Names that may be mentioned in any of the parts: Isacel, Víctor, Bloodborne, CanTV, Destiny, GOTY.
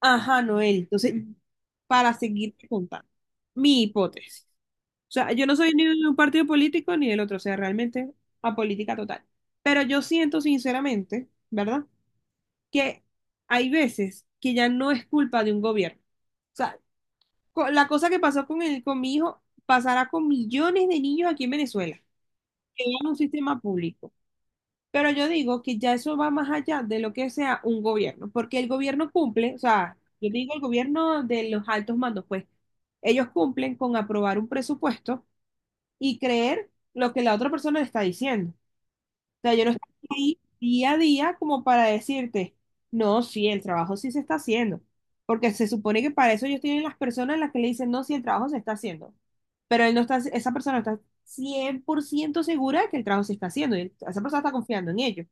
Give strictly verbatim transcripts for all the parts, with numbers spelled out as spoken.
Ajá, Noel. Entonces, para seguir contando, mi hipótesis. O sea, yo no soy ni de un partido político ni del otro, o sea, realmente apolítica total. Pero yo siento sinceramente, ¿verdad? Que hay veces que ya no es culpa de un gobierno. O sea, co- la cosa que pasó con el, con mi hijo pasará con millones de niños aquí en Venezuela, que van a un sistema público. Pero yo digo que ya eso va más allá de lo que sea un gobierno, porque el gobierno cumple, o sea, yo digo el gobierno de los altos mandos, pues ellos cumplen con aprobar un presupuesto y creer lo que la otra persona le está diciendo. O sea, yo no estoy ahí día a día como para decirte, no, sí, el trabajo sí se está haciendo, porque se supone que para eso ellos tienen las personas en las que le dicen, no, sí, el trabajo se está haciendo, pero él no está, esa persona no está cien por ciento segura de que el trabajo se está haciendo, y esa persona está confiando en ellos.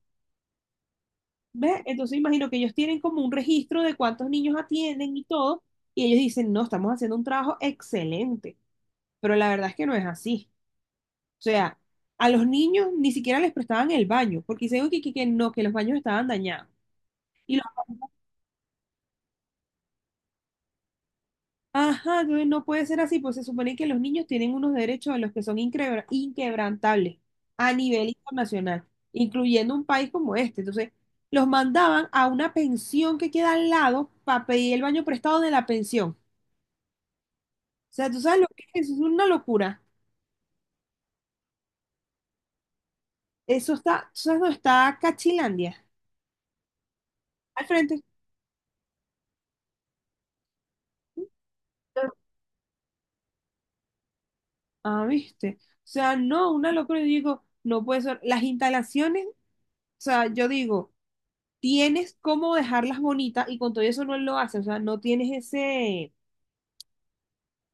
¿Ves? Entonces imagino que ellos tienen como un registro de cuántos niños atienden y todo, y ellos dicen, no, estamos haciendo un trabajo excelente, pero la verdad es que no es así. O sea, a los niños ni siquiera les prestaban el baño, porque dicen que, que, que no, que los baños estaban dañados. Y los ajá, no no puede ser así, pues se supone que los niños tienen unos derechos de los que son inquebra- inquebrantables a nivel internacional, incluyendo un país como este. Entonces, los mandaban a una pensión que queda al lado para pedir el baño prestado de la pensión. O sea, ¿tú sabes lo que es? Eso es una locura. Eso está, ¿tú sabes dónde está Cachilandia? Al frente. Ah, ¿viste? O sea, no, una locura. Yo digo, no puede ser. Las instalaciones, o sea, yo digo, tienes cómo dejarlas bonitas y con todo eso no lo haces. O sea, no tienes ese,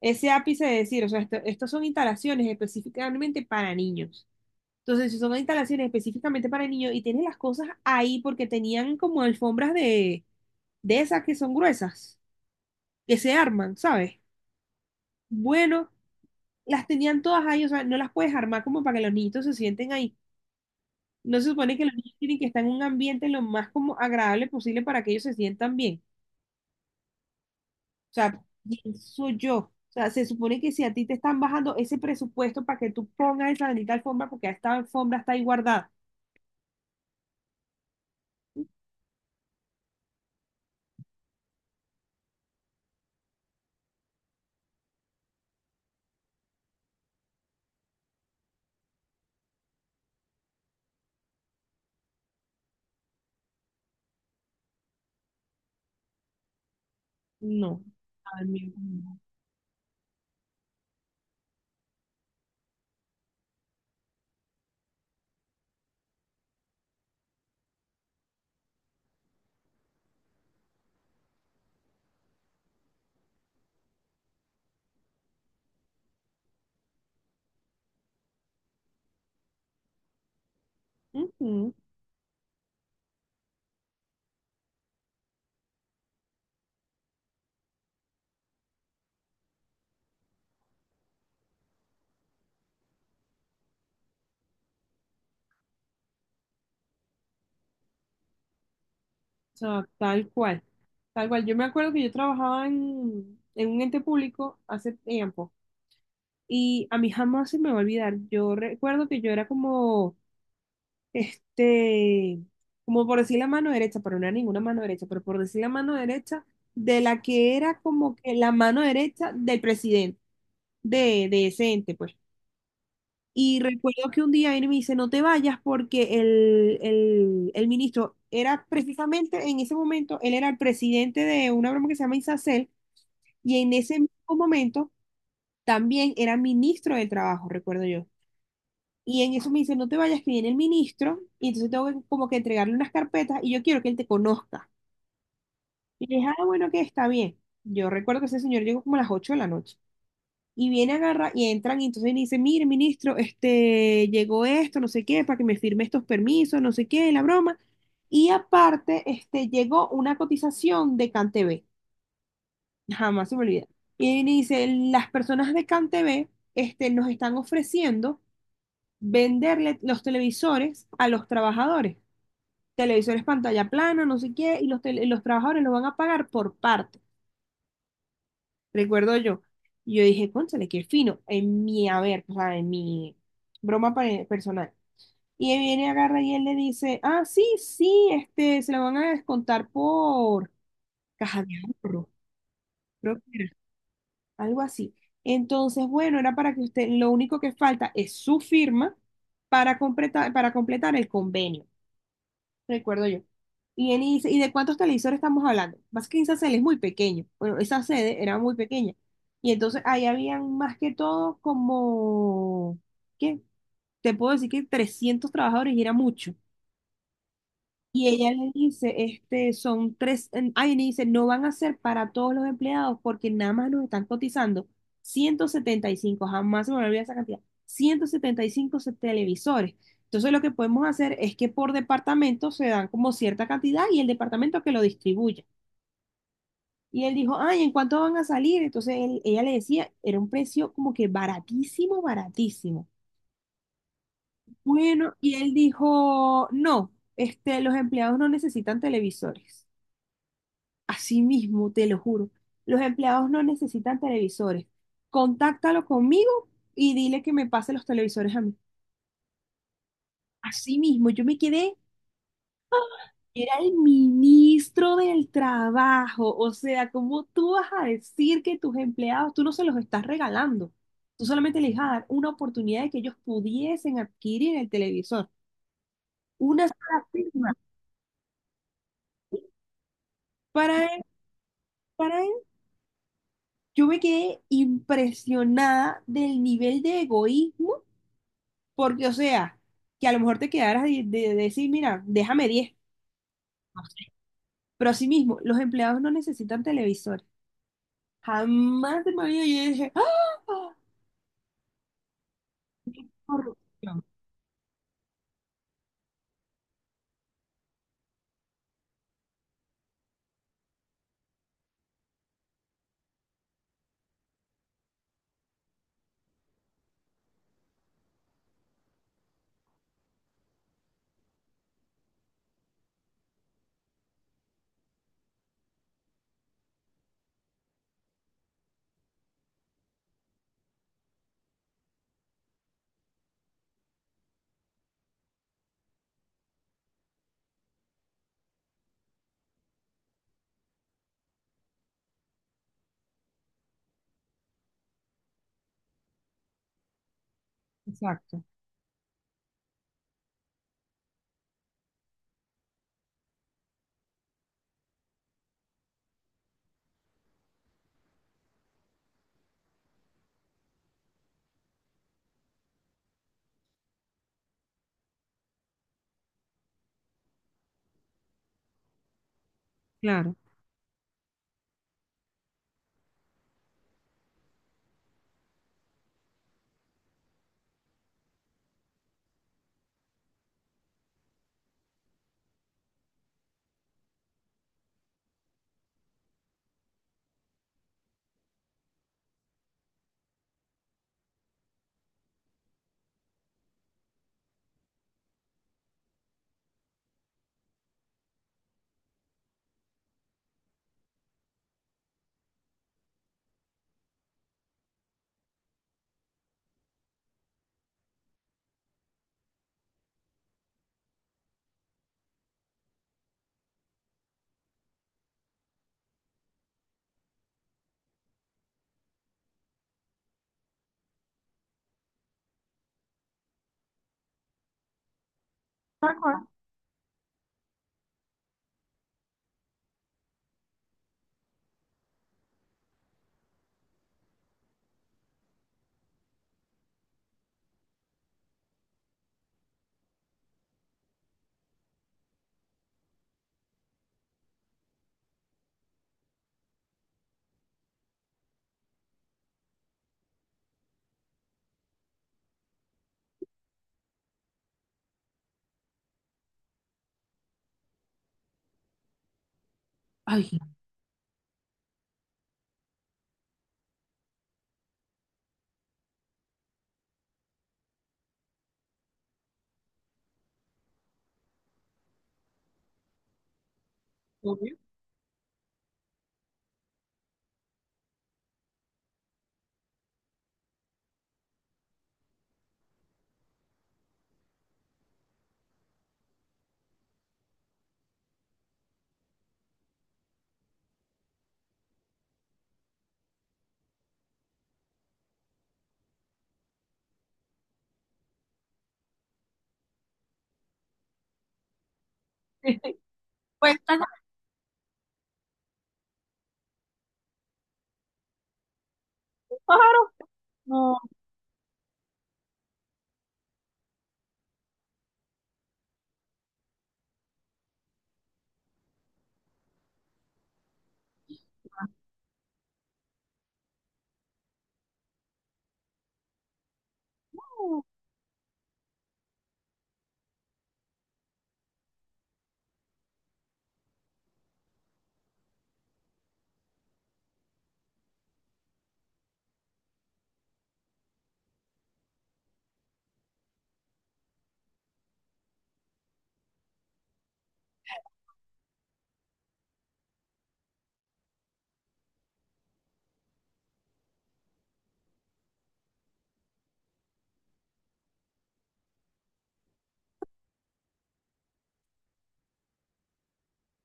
ese ápice de decir, o sea, esto- estas son instalaciones específicamente para niños. Entonces, si son instalaciones específicamente para niños y tienes las cosas ahí porque tenían como alfombras de, de esas que son gruesas, que se arman, ¿sabes? Bueno, las tenían todas ahí, o sea, no las puedes armar como para que los niñitos se sienten ahí. No se supone que los niños tienen que estar en un ambiente lo más como agradable posible para que ellos se sientan bien. O sea, pienso yo. O sea, se supone que si a ti te están bajando ese presupuesto para que tú pongas esa bendita alfombra, porque esta alfombra está ahí guardada. No. Ay, mi vida. Ujú. O sea, tal cual. Tal cual. Yo me acuerdo que yo trabajaba en, en un ente público hace tiempo. Y a mí jamás se me va a olvidar. Yo recuerdo que yo era como, este, como por decir la mano derecha, pero no era ninguna mano derecha, pero por decir la mano derecha de la que era como que la mano derecha del presidente, de, de ese ente, pues. Y recuerdo que un día él me dice, no te vayas porque el, el, el ministro era precisamente en ese momento, él era el presidente de una broma que se llama Isacel, y en ese mismo momento también era ministro del trabajo, recuerdo yo. Y en eso me dice, no te vayas, que viene el ministro, y entonces tengo que como que entregarle unas carpetas y yo quiero que él te conozca. Y le dije, ah, bueno, que está bien. Yo recuerdo que ese señor llegó como a las ocho de la noche. Y viene, agarra y entran, y entonces me dice, mire, ministro, este, llegó esto, no sé qué, para que me firme estos permisos, no sé qué, la broma. Y aparte, este, llegó una cotización de CanTV. Jamás se me olvida. Y ahí me dice, las personas de CanTV, este, nos están ofreciendo venderle los televisores a los trabajadores. Televisores pantalla plana, no sé qué, y los, tele- los trabajadores los van a pagar por parte, recuerdo yo. Y yo dije, cónchale, qué fino, en mi haber, o sea, en mi broma pa- personal. Y él viene, agarra y él le dice, ah, sí, sí, este, se la van a descontar por caja de ahorro, creo que era, algo así. Entonces, bueno, era para que usted, lo único que falta es su firma para completar, para completar el convenio. Recuerdo yo. Y él dice, ¿y de cuántos televisores estamos hablando? Más que esa sede es muy pequeño. Bueno, esa sede era muy pequeña. Y entonces ahí habían más que todo como, ¿qué? Te puedo decir que trescientos trabajadores y era mucho. Y ella le dice, este, son tres, en- ay, le dice, no van a ser para todos los empleados porque nada más nos están cotizando ciento setenta y cinco, jamás se me olvida esa cantidad, ciento setenta y cinco se- televisores. Entonces lo que podemos hacer es que por departamento se dan como cierta cantidad y el departamento que lo distribuya. Y él dijo, ay, ¿en cuánto van a salir? Entonces él- ella le decía, era un precio como que baratísimo, baratísimo. Bueno, y él dijo, no, este, los empleados no necesitan televisores. Así mismo, te lo juro. Los empleados no necesitan televisores. Contáctalo conmigo y dile que me pase los televisores a mí. Así mismo, yo me quedé, era el ministro del trabajo. O sea, ¿cómo tú vas a decir que tus empleados, tú no se los estás regalando? Tú solamente les vas a dar una oportunidad de que ellos pudiesen adquirir el televisor. Una sola firma. Para él, para él, yo me quedé impresionada del nivel de egoísmo. Porque, o sea, que a lo mejor te quedaras de, de- decir, mira, déjame diez, no sé. Pero así mismo, los empleados no necesitan televisores. Jamás de mi vida yo dije, ¡ah! Ah, corrupción. Exacto, claro. Tal cual. Ay, obvio. Pues, tal- pájaro. No.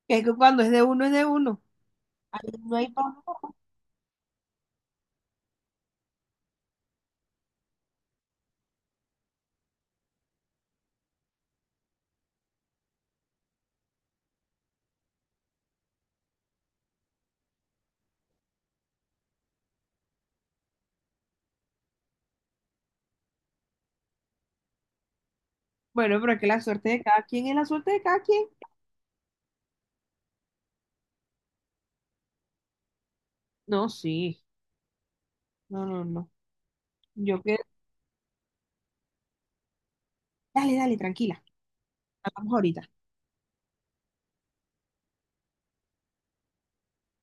Es que cuando es de uno, es de uno. Ahí no hay pa- Bueno, pero es que la suerte de cada quien es la suerte de cada quien. No, sí. No, no, no. Yo que. Dale, dale, tranquila. Hablamos ahorita.